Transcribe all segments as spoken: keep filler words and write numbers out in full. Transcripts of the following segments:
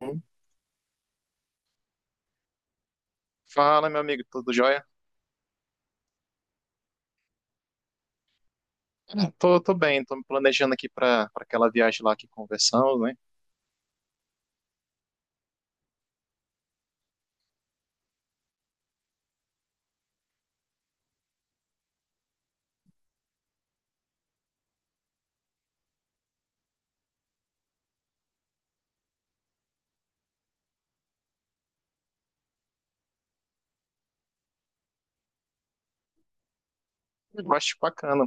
Hum. Fala, meu amigo, tudo jóia? É, Tô, tô bem, tô me planejando aqui para aquela viagem lá que conversamos, né? Eu acho bacana.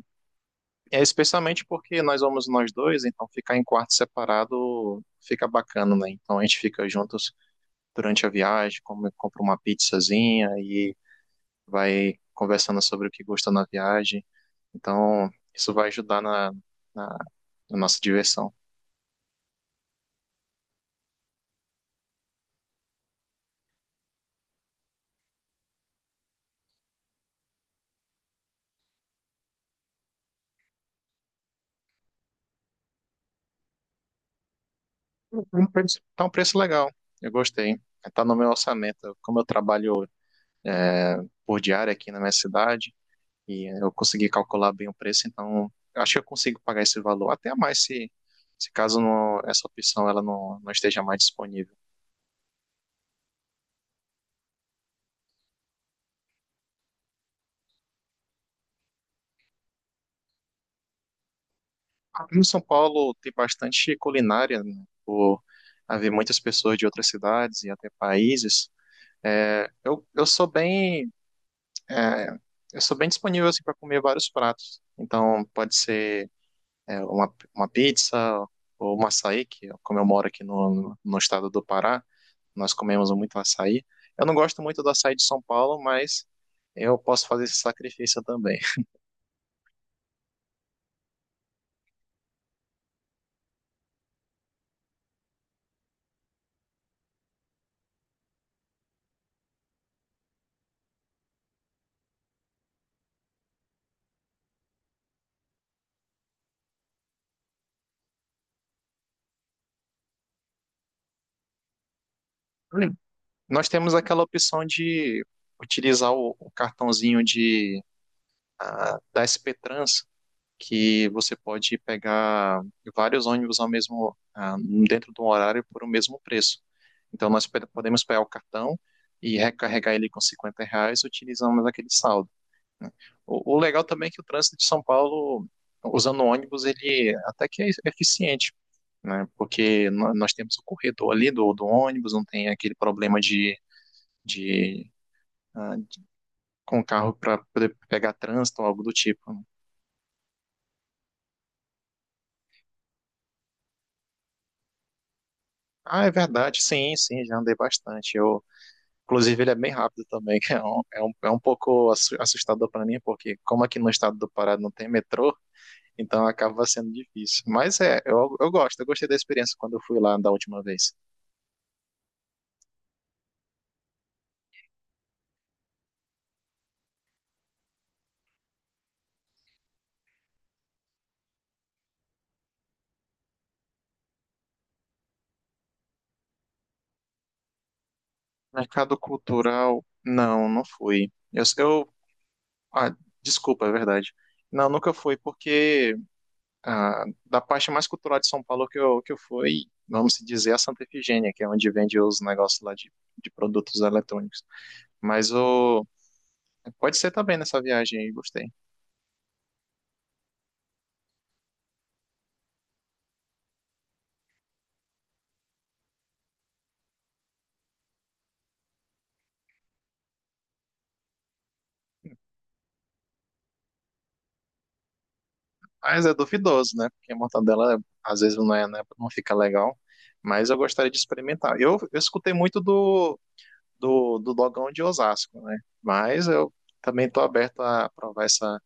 É, especialmente porque nós vamos nós dois, então ficar em quarto separado fica bacana, né? Então a gente fica juntos durante a viagem, come- compra uma pizzazinha e vai conversando sobre o que gosta na viagem. Então isso vai ajudar na, na, na nossa diversão. Uhum. Tá um preço legal, eu gostei. Tá no meu orçamento. Como eu trabalho por diária aqui na minha cidade e eu consegui calcular bem o preço, então eu acho que eu consigo pagar esse valor, até mais se, se caso não, essa opção ela não, não esteja mais disponível. Aqui no São Paulo tem bastante culinária, né, por haver muitas pessoas de outras cidades e até países. É, eu, eu sou bem é, eu sou bem disponível assim, para comer vários pratos. Então pode ser é, uma, uma pizza ou um açaí, que é como eu moro aqui no, no estado do Pará, nós comemos muito açaí. Eu não gosto muito do açaí de São Paulo, mas eu posso fazer esse sacrifício também. Hum. Nós temos aquela opção de utilizar o, o cartãozinho de, ah, da S P Trans, que você pode pegar vários ônibus ao mesmo, ah, dentro do horário por o mesmo preço. Então, nós pe- podemos pegar o cartão e recarregar ele com cinquenta reais, utilizando aquele saldo. O, o legal também é que o trânsito de São Paulo, usando ônibus, ele até que é eficiente, né? Porque nó- nós temos o corredor ali do, do ônibus, não tem aquele problema de, de ah, com o carro para poder pegar trânsito ou algo do tipo, né? Ah, é verdade, sim, sim, já andei bastante. Eu, inclusive, ele é bem rápido também, que é um, é um, é um pouco assu- assustador para mim, porque como aqui no estado do Pará não tem metrô, então acaba sendo difícil. Mas é, eu, eu gosto, eu gostei da experiência quando eu fui lá da última vez. Mercado cultural, não, não fui. Eu, eu- ah, desculpa, é verdade. Não, nunca fui, porque ah, da parte mais cultural de São Paulo que eu, que eu fui, vamos dizer, a Santa Efigênia, que é onde vende os negócios lá de, de produtos eletrônicos. Mas o, pode ser também nessa viagem aí, gostei. Mas é duvidoso, né? Porque a mortadela às vezes não é, né, não fica legal. Mas eu gostaria de experimentar. Eu, eu escutei muito do do, do Dogão de Osasco, né? Mas eu também tô aberto a provar essa,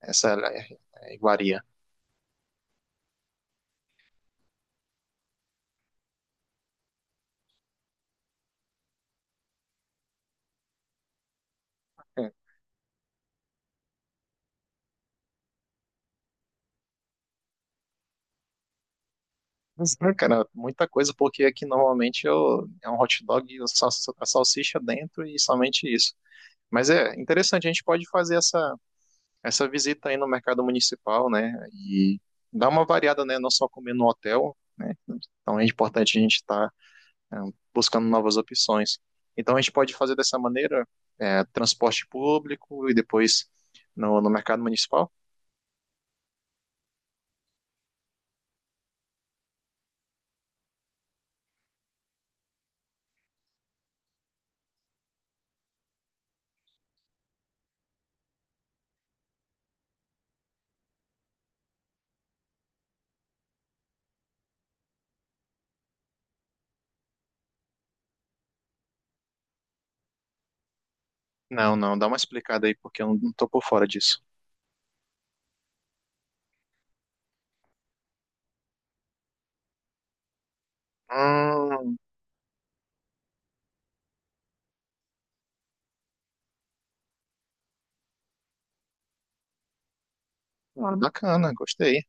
essa é, iguaria. É. Mas, cara, muita coisa, porque aqui normalmente eu, é um hot dog, sal- a salsicha dentro e somente isso. Mas é interessante, a gente pode fazer essa, essa visita aí no mercado municipal, né? E dar uma variada, né? Não só comer no hotel, né? Então é importante a gente estar é, buscando novas opções. Então a gente pode fazer dessa maneira é, transporte público e depois no, no mercado municipal? Não, não, dá uma explicada aí porque eu não estou por fora disso. Hum, ah, bacana, gostei.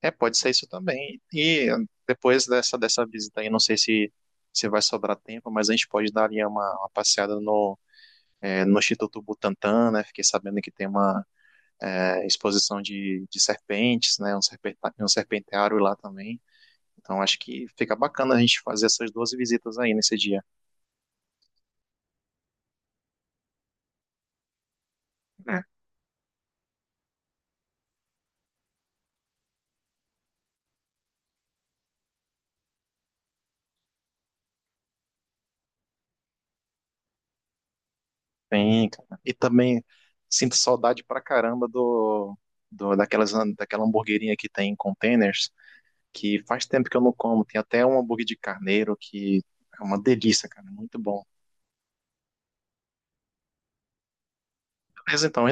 É, pode ser isso também. E depois dessa, dessa visita aí, não sei se, se vai sobrar tempo, mas a gente pode dar ali uma, uma passeada no, é, no Instituto Butantan, né? Fiquei sabendo que tem uma é, exposição de, de serpentes, né? Um, serpenta, um serpenteário lá também. Então acho que fica bacana a gente fazer essas duas visitas aí nesse dia. É. Bem, cara. E também sinto saudade pra caramba do, do daquelas, daquela hamburguerinha que tem em containers, que faz tempo que eu não como. Tem até um hambúrguer de carneiro que é uma delícia, cara. Muito bom. Beleza, então.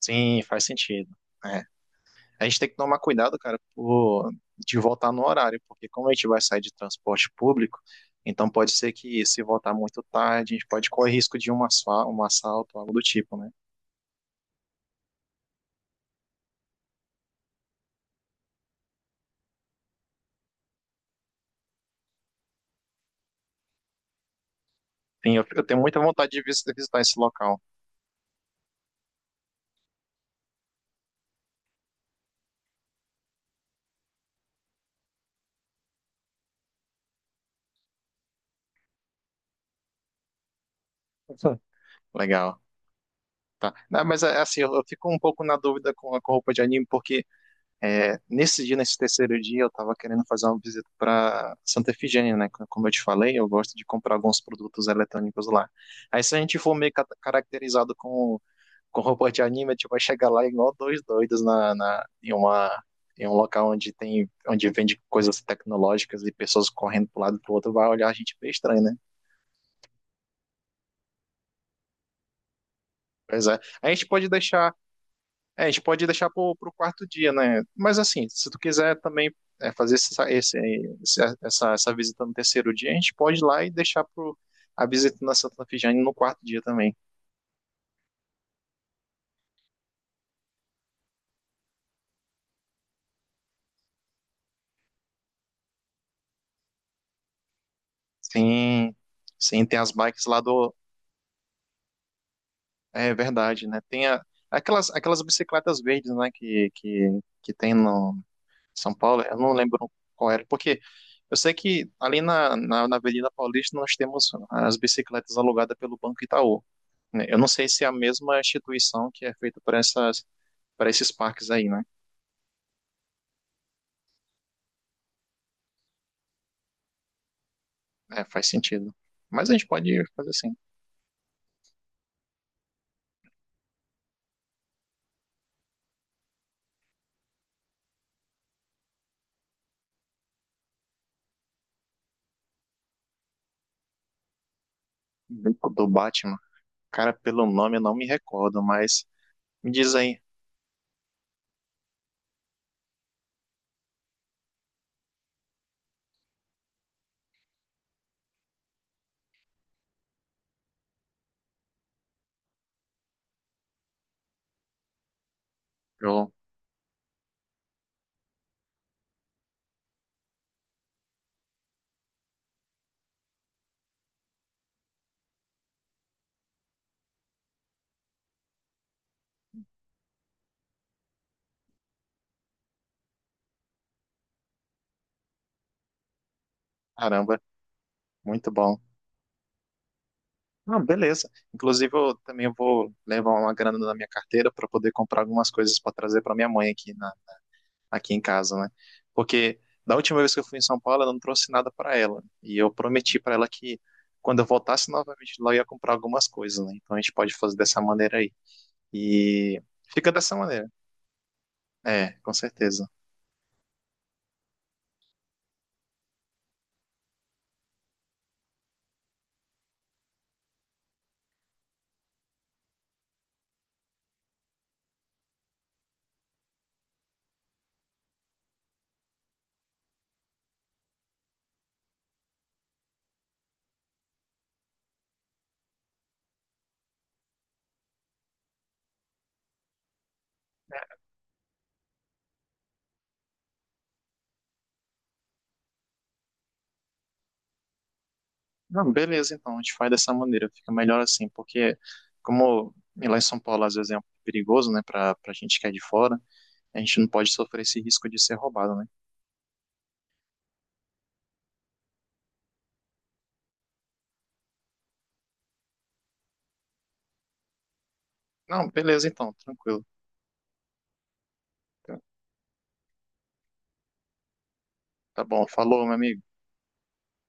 Sim, faz sentido. É, a gente tem que tomar cuidado, cara, por- de voltar no horário, porque como a gente vai sair de transporte público, então pode ser que se voltar muito tarde, a gente pode correr risco de um assa- um assalto, algo do tipo, né? Sim, eu, eu tenho muita vontade de vis- visitar esse local. Sim. Legal. Tá. Não, mas é, assim, eu, eu fico um pouco na dúvida com a com roupa de anime, porque é, nesse dia, nesse terceiro dia, eu tava querendo fazer uma visita para Santa Efigênia, né? Co- Como eu te falei, eu gosto de comprar alguns produtos eletrônicos lá. Aí se a gente for meio cata- caracterizado com com roupa de anime, tipo, vai chegar lá igual dois doidos na, na, em uma em um local onde tem onde vende coisas tecnológicas e pessoas correndo pro lado e pro outro, vai olhar a gente bem estranho, né? Pois é. A gente pode deixar, é, a gente pode deixar pro, pro quarto dia, né? Mas assim, se tu quiser também é, fazer essa, esse, esse- essa, essa visita no terceiro dia, a gente pode ir lá e deixar pro, a visita na Santa Fijane no quarto dia também. Sim, sim, tem as bikes lá do, é verdade, né? Tem a- aquelas, aquelas bicicletas verdes, né, que, que, que tem no São Paulo, eu não lembro qual era, porque eu sei que ali na, na, na Avenida Paulista nós temos as bicicletas alugadas pelo Banco Itaú, né? Eu não sei se é a mesma instituição que é feita para essas, para esses parques aí, né? É, faz sentido. Mas a gente pode fazer assim, Beco do Batman. Cara, pelo nome eu não me recordo, mas me diz aí. Eu, caramba, muito bom. Ah, beleza. Inclusive, eu também vou levar uma grana na minha carteira para poder comprar algumas coisas para trazer para minha mãe aqui, na, aqui em casa, né? Porque da última vez que eu fui em São Paulo, eu não trouxe nada para ela. E eu prometi para ela que quando eu voltasse novamente lá, eu ia comprar algumas coisas, né? Então a gente pode fazer dessa maneira aí. E fica dessa maneira. É, com certeza. Não, beleza, então a gente faz dessa maneira. Fica melhor assim, porque como lá em São Paulo às vezes é um pouco perigoso, né, para para gente que é de fora. A gente não pode sofrer esse risco de ser roubado, né? Não, beleza então, tranquilo. Tá bom, falou, meu amigo.